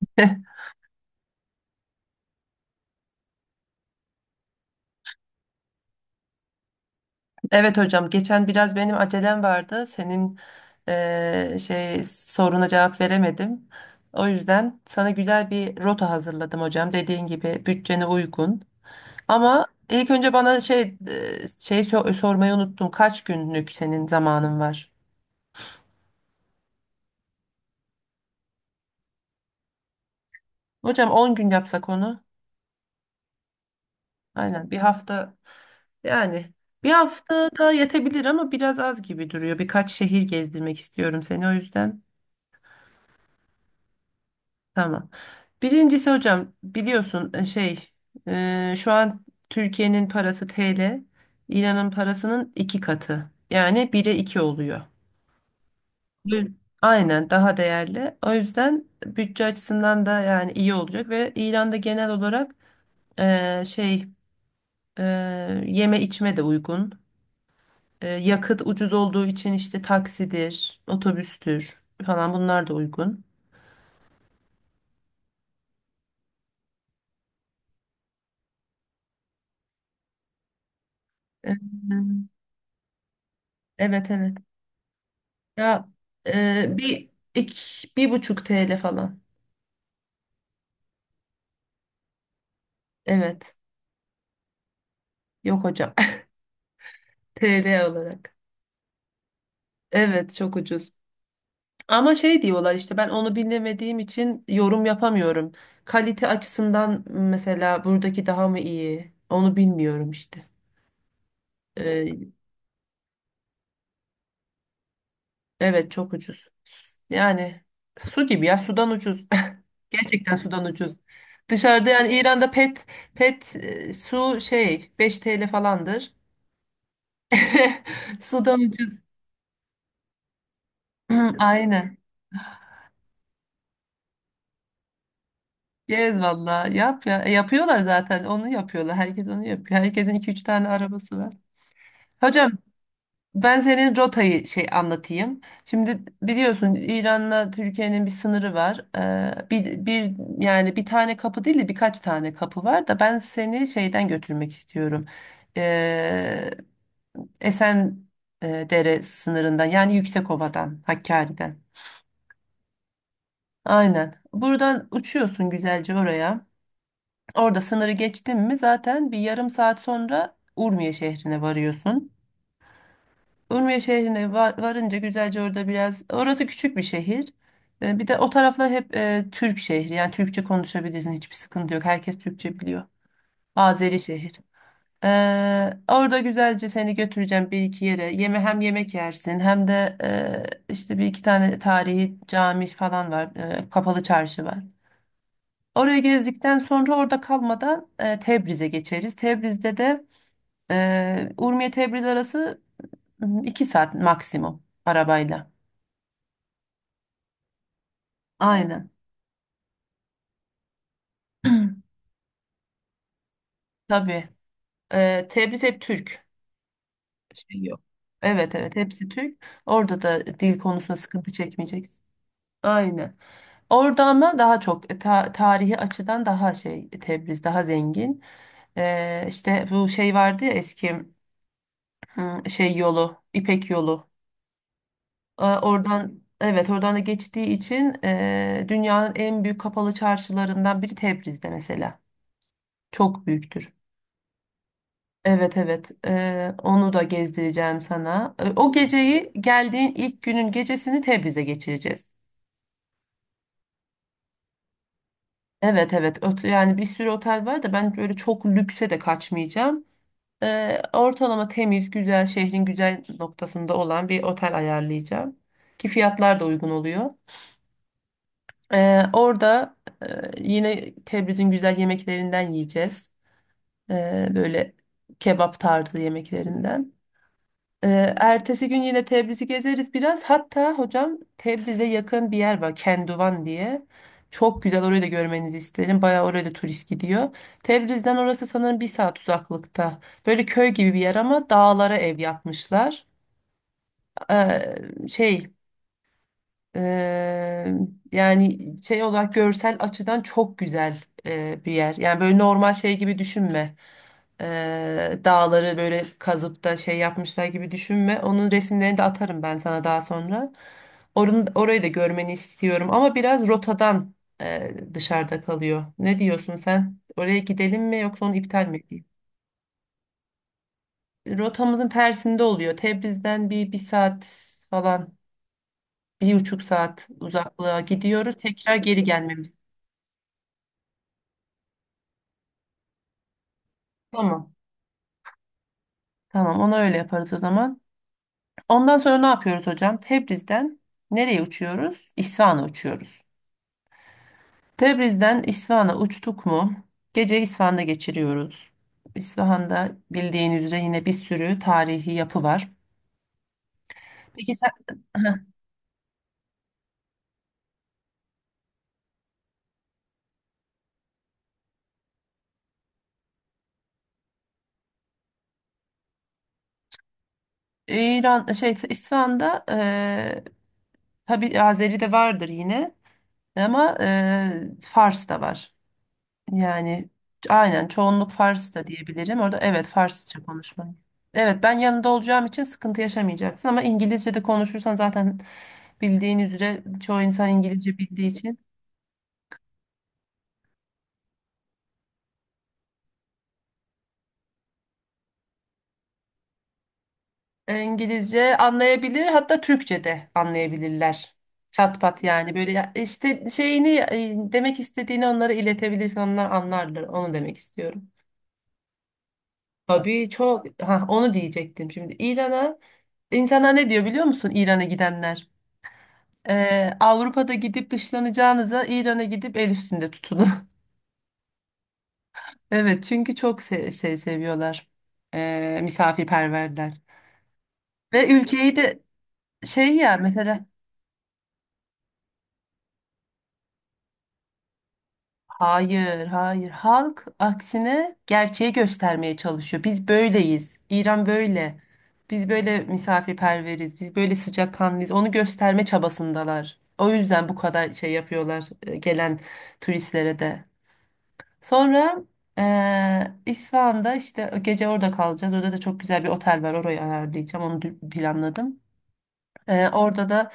Evet hocam, geçen biraz benim acelem vardı. Senin şey soruna cevap veremedim. O yüzden sana güzel bir rota hazırladım hocam. Dediğin gibi bütçene uygun. Ama ilk önce bana şey şey sormayı unuttum. Kaç günlük senin zamanın var? Hocam 10 gün yapsak onu. Aynen bir hafta yani bir hafta da yetebilir ama biraz az gibi duruyor. Birkaç şehir gezdirmek istiyorum seni o yüzden. Tamam. Birincisi hocam biliyorsun şey şu an Türkiye'nin parası TL, İran'ın parasının iki katı. Yani bire iki oluyor. Evet. Aynen daha değerli. O yüzden bütçe açısından da yani iyi olacak ve İran'da genel olarak şey e, yeme içme de uygun. Yakıt ucuz olduğu için işte taksidir, otobüstür falan bunlar da uygun. E, Evet evet. Ya bir iki, 1,5 TL falan. Evet. Yok hocam. TL olarak. Evet çok ucuz. Ama şey diyorlar işte ben onu bilmediğim için yorum yapamıyorum. Kalite açısından mesela buradaki daha mı iyi? Onu bilmiyorum işte. E, evet çok ucuz. Yani su gibi ya sudan ucuz. Gerçekten sudan ucuz. Dışarıda yani İran'da pet su şey 5 TL falandır. Sudan ucuz. Aynen. Gez valla. Yap ya. Yapıyorlar zaten. Onu yapıyorlar. Herkes onu yapıyor. Herkesin iki üç tane arabası var. Hocam ben senin rotayı şey anlatayım. Şimdi biliyorsun İran'la Türkiye'nin bir sınırı var. Bir, bir yani bir tane kapı değil de birkaç tane kapı var da ben seni şeyden götürmek istiyorum. Ee, Esen Dere sınırından yani Yüksekova'dan, Hakkari'den. Aynen. Buradan uçuyorsun güzelce oraya. Orada sınırı geçtin mi zaten bir yarım saat sonra Urmiye şehrine varıyorsun. Urmiye şehrine varınca güzelce orada biraz, orası küçük bir şehir. Bir de o taraflar hep Türk şehri, yani Türkçe konuşabilirsin, hiçbir sıkıntı yok. Herkes Türkçe biliyor. Azeri şehir. E, orada güzelce seni götüreceğim bir iki yere. Hem yemek yersin hem de işte bir iki tane tarihi cami falan var. Kapalı çarşı var. Oraya gezdikten sonra orada kalmadan Tebriz'e geçeriz. Tebriz'de de Urmiye-Tebriz arası 2 saat maksimum arabayla. Aynen. Tabii. Tebriz hep Türk. Şey yok. Evet evet, hepsi Türk. Orada da dil konusunda sıkıntı çekmeyeceksin. Aynen. Orada ama daha çok tarihi açıdan daha şey Tebriz daha zengin. E, işte bu şey vardı ya eski şey yolu İpek yolu. Oradan evet oradan da geçtiği için dünyanın en büyük kapalı çarşılarından biri Tebriz'de mesela. Çok büyüktür. Evet evet. Onu da gezdireceğim sana. O geceyi, geldiğin ilk günün gecesini Tebriz'de geçireceğiz. Evet evet. Yani bir sürü otel var da ben böyle çok lükse de kaçmayacağım. Ortalama temiz, güzel, şehrin güzel noktasında olan bir otel ayarlayacağım. Ki fiyatlar da uygun oluyor. Orada e, yine Tebriz'in güzel yemeklerinden yiyeceğiz. Böyle kebap tarzı yemeklerinden. Ertesi gün yine Tebriz'i gezeriz biraz. Hatta hocam, Tebriz'e yakın bir yer var, Kenduvan diye. Çok güzel, orayı da görmenizi isterim. Bayağı oraya da turist gidiyor. Tebriz'den orası sanırım bir saat uzaklıkta. Böyle köy gibi bir yer ama dağlara ev yapmışlar. Ee, şey Eee, yani şey olarak görsel açıdan çok güzel bir yer. Yani böyle normal şey gibi düşünme. Dağları böyle kazıp da şey yapmışlar gibi düşünme. Onun resimlerini de atarım ben sana daha sonra. Orayı da görmeni istiyorum ama biraz rotadan dışarıda kalıyor. Ne diyorsun sen? Oraya gidelim mi yoksa onu iptal mi edeyim? Rotamızın tersinde oluyor. Tebriz'den bir saat falan, 1,5 saat uzaklığa gidiyoruz. Tekrar geri gelmemiz. Tamam. Tamam, ona öyle yaparız o zaman. Ondan sonra ne yapıyoruz hocam? Tebriz'den nereye uçuyoruz? İsfahan'a uçuyoruz. Tebriz'den İsfahan'a uçtuk mu? Gece İsfahan'da geçiriyoruz. İsfahan'da bildiğin üzere yine bir sürü tarihi yapı var. Peki sen... Heh. İran şey İsfahan'da tabii Azeri de vardır yine ama Fars da var. Yani aynen çoğunluk Fars da diyebilirim. Orada evet Farsça konuşmak. Evet, ben yanında olacağım için sıkıntı yaşamayacaksın ama İngilizce de konuşursan zaten bildiğin üzere çoğu insan İngilizce bildiği için İngilizce anlayabilir, hatta Türkçe de anlayabilirler. Çat pat yani böyle işte şeyini demek istediğini onlara iletebilirsin, onlar anlarlar onu demek istiyorum. Tabii, çok ha, onu diyecektim. Şimdi İran'a insanlar ne diyor biliyor musun, İran'a gidenler? Avrupa'da gidip dışlanacağınıza İran'a gidip el üstünde tutunun. Evet, çünkü çok şey seviyorlar. Misafirperverler. Ve ülkeyi de şey ya mesela, hayır hayır, halk aksine gerçeği göstermeye çalışıyor. Biz böyleyiz. İran böyle. Biz böyle misafirperveriz. Biz böyle sıcakkanlıyız. Onu gösterme çabasındalar. O yüzden bu kadar şey yapıyorlar gelen turistlere de. Sonra İsfahan'da işte gece orada kalacağız. Orada da çok güzel bir otel var. Orayı ayarlayacağım. Onu planladım. Orada da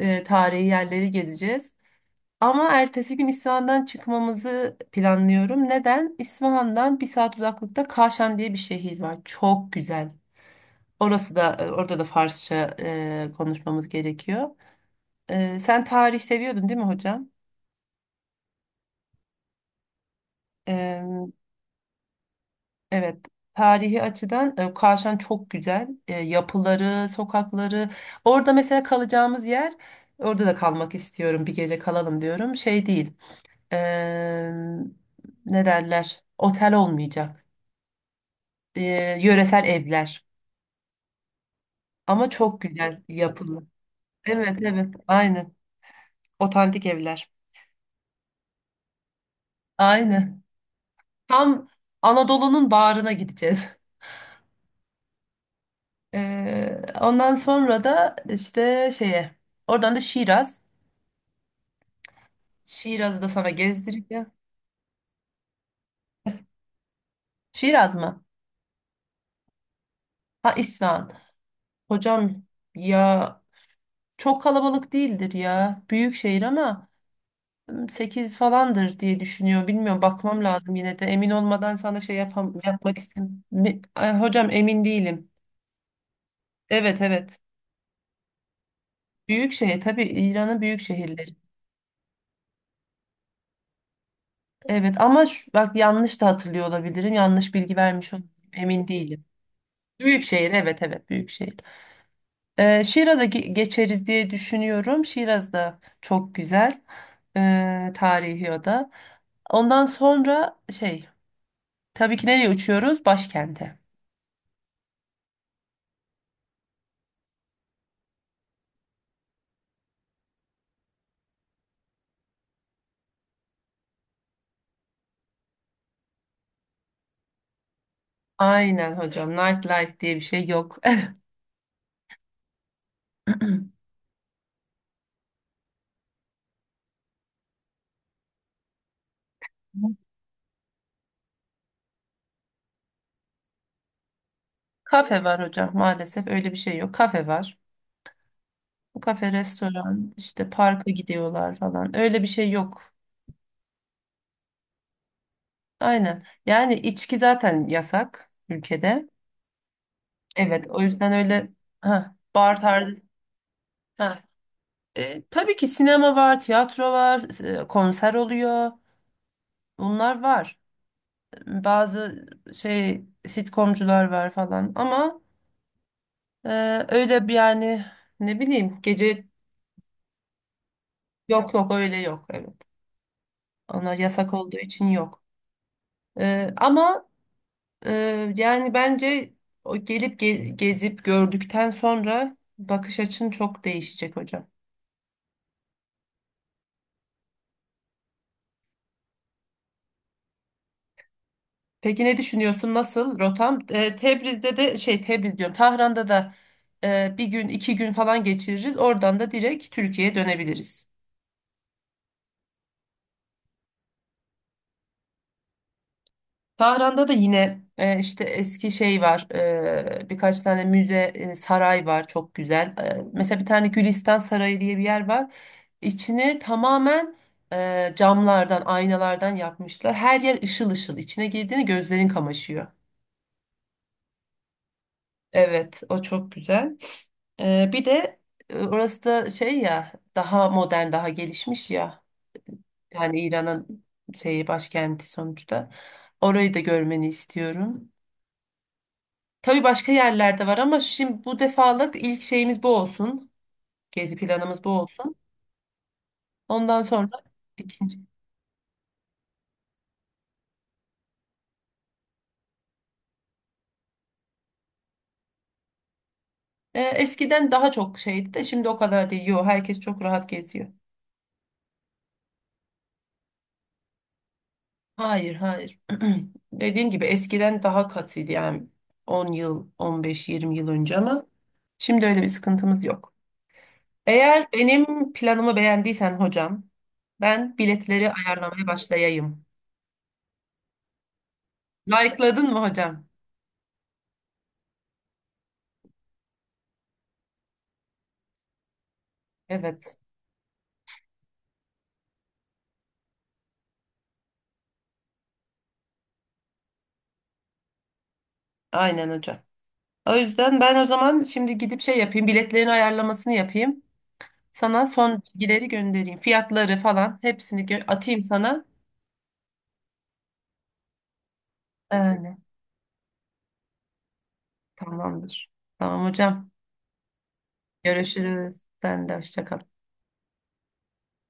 tarihi yerleri gezeceğiz. Ama ertesi gün İsfahan'dan çıkmamızı planlıyorum. Neden? İsfahan'dan bir saat uzaklıkta Kaşan diye bir şehir var. Çok güzel. Orası da orada da Farsça konuşmamız gerekiyor. Sen tarih seviyordun değil mi hocam? Evet, tarihi açıdan Kavşan çok güzel. Yapıları, sokakları. Orada mesela kalacağımız yer, orada da kalmak istiyorum. Bir gece kalalım diyorum. Şey değil. e, ne derler? Otel olmayacak. E, yöresel evler. Ama çok güzel yapılı. Evet, evet. Aynen. Otantik evler. Aynen. Tam Anadolu'nun bağrına gideceğiz. Ondan sonra da işte şeye. Oradan da Şiraz. Şiraz'ı da sana gezdireceğim. Şiraz mı? Ha, İsfahan. Hocam ya çok kalabalık değildir ya. Büyük şehir ama 8 falandır diye düşünüyor. Bilmiyorum, bakmam lazım yine de. Emin olmadan sana şey yapmak istemiyorum. Hocam emin değilim. Evet evet. Büyük şehir, tabii İran'ın büyük şehirleri. Evet ama bak, yanlış da hatırlıyor olabilirim. Yanlış bilgi vermiş olabilirim. Emin değilim. Büyük şehir, evet evet, büyük şehir. Şiraz'a geçeriz diye düşünüyorum. Şiraz da çok güzel. Tarihi o da. Ondan sonra şey, tabii ki nereye uçuyoruz? Başkente. Aynen hocam. Nightlife diye bir şey yok. Kafe var hocam, maalesef öyle bir şey yok. Kafe var. Kafe, restoran, işte parka gidiyorlar falan. Öyle bir şey yok. Aynen. Yani içki zaten yasak ülkede. Evet, o yüzden öyle, ha, bar tarzı. Ha, tabii ki sinema var, tiyatro var, konser oluyor. Bunlar var. Bazı şey sitcomcular var falan ama e, öyle bir yani, ne bileyim, gece yok. Yok, öyle yok, evet. Ona yasak olduğu için yok. Ama yani bence o gelip gezip gördükten sonra bakış açın çok değişecek hocam. Peki ne düşünüyorsun? Nasıl rotam? Tebriz'de de şey Tebriz diyorum. Tahran'da da bir gün iki gün falan geçiririz. Oradan da direkt Türkiye'ye dönebiliriz. Tahran'da da yine işte eski şey var. Birkaç tane müze, saray var, çok güzel. Mesela bir tane Gülistan Sarayı diye bir yer var. İçini tamamen camlardan, aynalardan yapmışlar. Her yer ışıl ışıl. İçine girdiğinde gözlerin kamaşıyor. Evet, o çok güzel. Bir de orası da şey ya, daha modern, daha gelişmiş ya, yani İran'ın şeyi başkenti sonuçta, orayı da görmeni istiyorum. Tabii başka yerlerde var ama şimdi bu defalık ilk şeyimiz bu olsun, gezi planımız bu olsun, ondan sonra ikinci. Eskiden daha çok şeydi de şimdi o kadar değil yo, herkes çok rahat geziyor. Hayır hayır, dediğim gibi eskiden daha katıydı, yani 10 yıl, 15-20 yıl önce ama şimdi öyle bir sıkıntımız yok. Eğer benim planımı beğendiysen hocam, ben biletleri ayarlamaya başlayayım. Like'ladın mı hocam? Evet, aynen hocam. O yüzden ben o zaman şimdi gidip şey yapayım, biletlerin ayarlamasını yapayım. Sana son bilgileri göndereyim. Fiyatları falan hepsini atayım sana. Yani, tamamdır. Tamam hocam. Görüşürüz. Sen de hoşça kal.